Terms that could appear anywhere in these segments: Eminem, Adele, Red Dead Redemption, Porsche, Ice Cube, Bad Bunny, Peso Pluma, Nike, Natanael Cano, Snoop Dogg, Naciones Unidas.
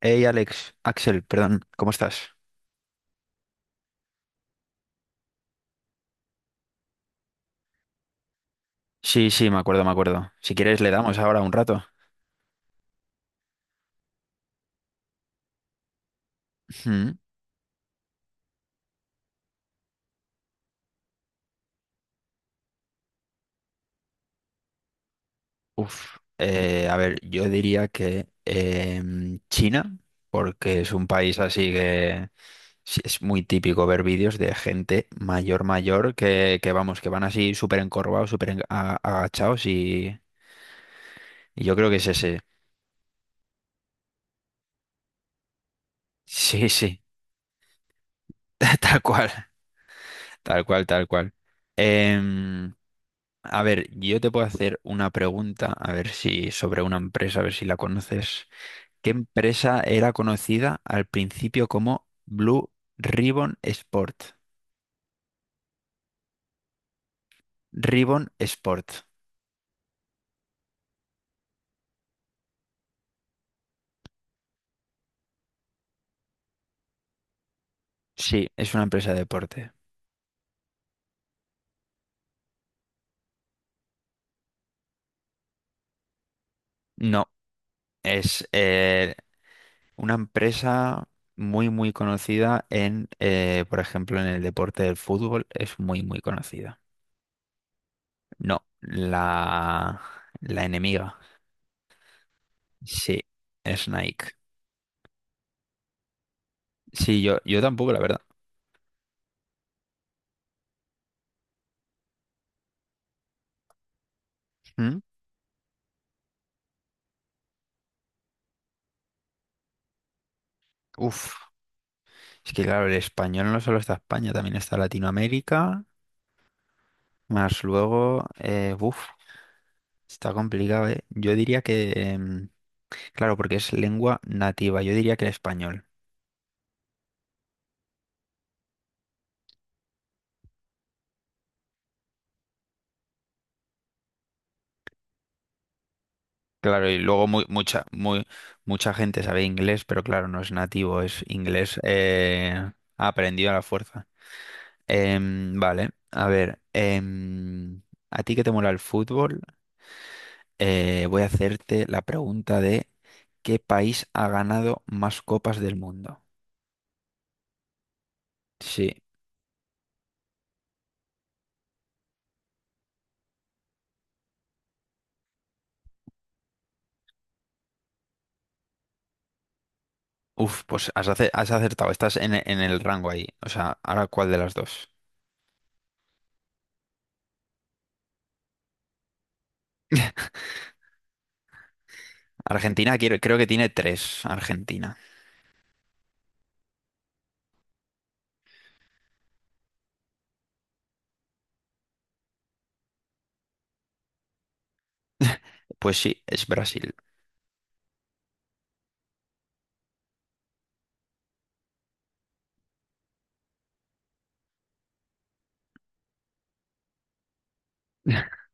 Hey Alex, Axel, perdón, ¿cómo estás? Sí, sí, me acuerdo, me acuerdo. Si quieres le damos ahora un rato. Ujú. Uf, a ver, yo diría que China, porque es un país así que sí, es muy típico ver vídeos de gente mayor, mayor, que vamos, que van así súper encorvados, súper agachados y yo creo que es ese. Sí, sí, tal cual, tal cual, tal cual. Em, A ver, yo te puedo hacer una pregunta, a ver si sobre una empresa, a ver si la conoces. ¿Qué empresa era conocida al principio como Blue Ribbon Sport? Ribbon Sport. Sí, es una empresa de deporte. No, es una empresa muy, muy conocida en, por ejemplo, en el deporte del fútbol, es muy, muy conocida. No, la enemiga. Sí, es Nike. Sí, yo tampoco, la verdad. ¿Mm? Uf, es que claro, el español no solo está España, también está Latinoamérica, más luego, está complicado, ¿eh? Yo diría que, claro, porque es lengua nativa, yo diría que el español. Claro, y luego muy, mucha gente sabe inglés, pero claro, no es nativo, es inglés aprendido a la fuerza. Vale, a ver, ¿a ti que te mola el fútbol? Voy a hacerte la pregunta de ¿qué país ha ganado más copas del mundo? Sí. Uf, pues has, has acertado. Estás en, en el rango ahí. O sea, ahora cuál de las dos. Argentina, creo que tiene tres. Argentina. Pues sí, es Brasil.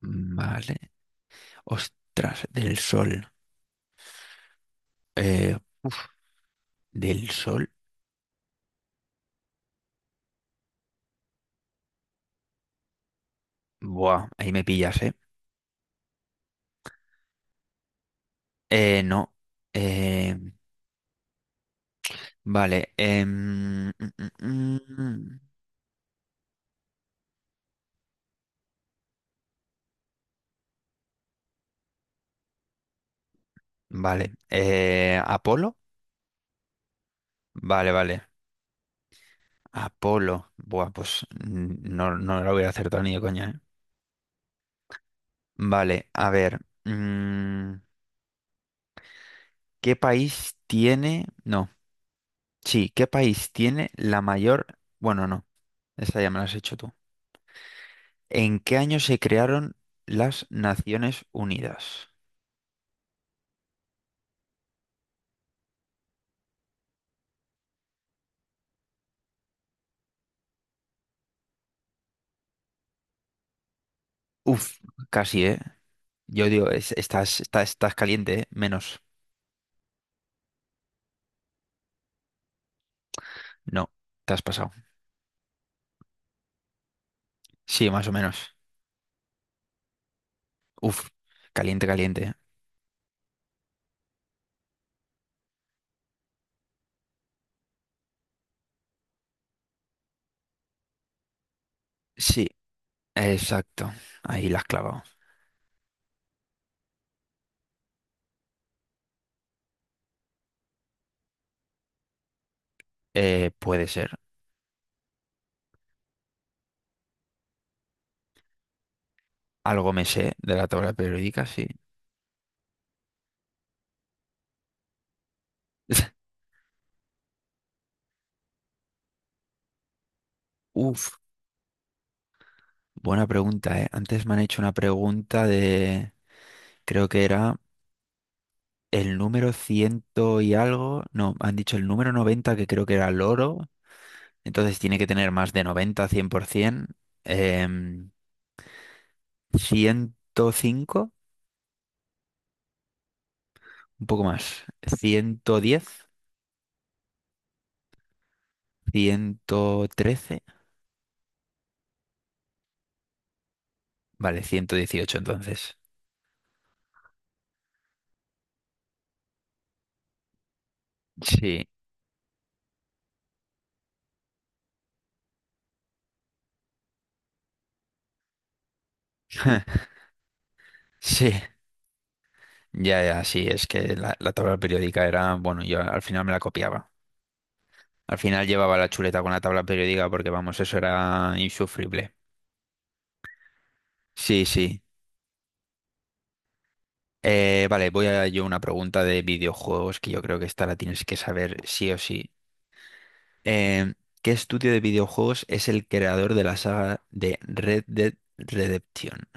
Vale. Ostras, del sol. Eh, Del sol. Buah, ahí me pillas, ¿eh? No. Eh, vale. Mm, mm, mm. Mm. Vale. ¿Apolo? Vale, vale. Apolo. Buah, pues no, no lo voy a acertar ni de coña, ¿eh? Vale, a ver. ¿Qué país tiene? No, sí, ¿qué país tiene la mayor? Bueno, no, esta ya me la has hecho tú. ¿En qué año se crearon las Naciones Unidas? Uf, casi, ¿eh? Yo digo, estás caliente, ¿eh? Menos. No, te has pasado. Sí, más o menos. Uf, caliente, caliente, ¿eh? Sí, exacto. Ahí la has clavado. Puede ser. Algo me sé de la tabla periódica, sí. Uf, buena pregunta, ¿eh? Antes me han hecho una pregunta de, creo que era el número ciento y algo. No, han dicho el número 90, que creo que era el oro. Entonces tiene que tener más de 90, cien por 100%. Em, ciento cinco. Un poco más, 110. 113. Vale, 118 entonces. Sí, sí. Ya, ya, sí, es que la tabla periódica era, bueno, yo al final me la copiaba. Al final llevaba la chuleta con la tabla periódica porque, vamos, eso era insufrible. Sí, sí. Vale, voy a yo una pregunta de videojuegos que yo creo que esta la tienes que saber sí o sí. Eh, ¿Qué estudio de videojuegos es el creador de la saga de Red Dead Redemption?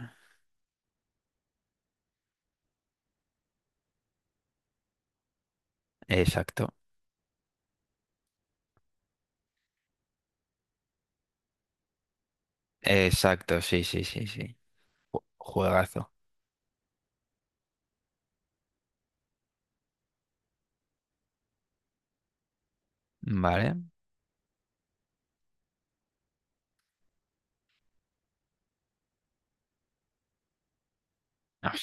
Exacto, exacto, sí, sí, sí, sí. Juegazo. Vale. Ah,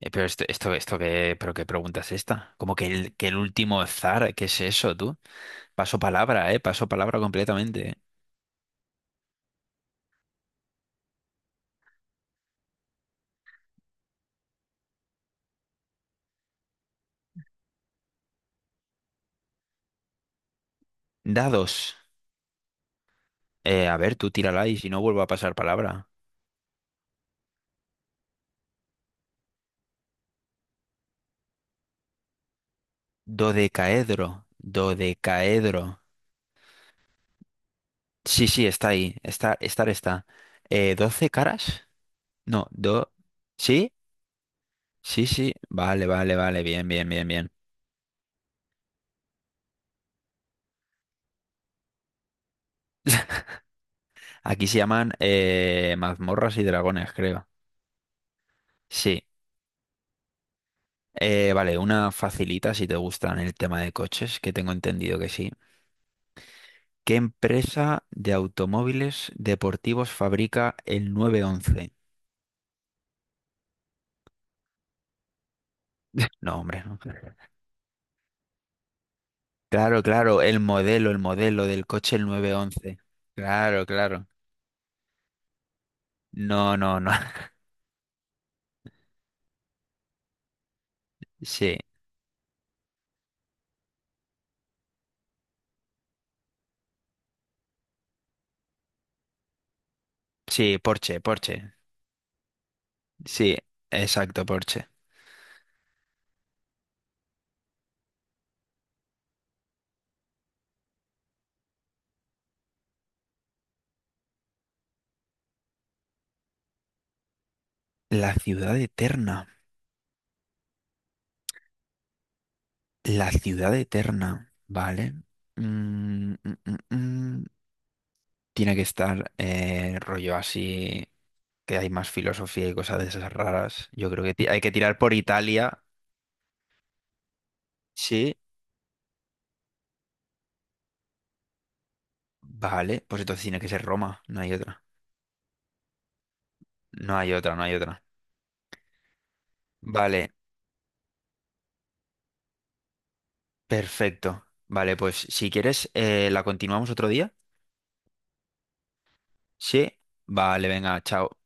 Pero esto, esto qué, pero qué pregunta es esta. Como que que el último zar, ¿qué es eso, tú? Paso palabra completamente. Dados. A ver, tú tírala y si no vuelvo a pasar palabra. Dodecaedro, dodecaedro. Sí, sí, está ahí. Está, estar está. ¿Doce caras? No, do. ¿Sí? Sí, sí. Vale, vale, vale. Bien, bien, bien, bien. Aquí se llaman mazmorras y dragones, creo. Sí. Vale, una facilita si te gustan el tema de coches, que tengo entendido que sí. ¿Qué empresa de automóviles deportivos fabrica el 911? No, hombre, no. Claro, claro, el modelo del coche, el 911. Claro, claro. No, no, no. Sí, sí, Porsche, Porsche. Sí, exacto, Porsche. La ciudad eterna. La ciudad eterna, ¿vale? Mm, mm, mm, mm. Tiene que estar rollo así, que hay más filosofía y cosas de esas raras. Yo creo que hay que tirar por Italia. Sí, vale, pues entonces tiene que ser Roma, no hay otra. No hay otra, no hay otra. Vale, perfecto. Vale, pues si quieres, la continuamos otro día. Sí, vale, venga, chao.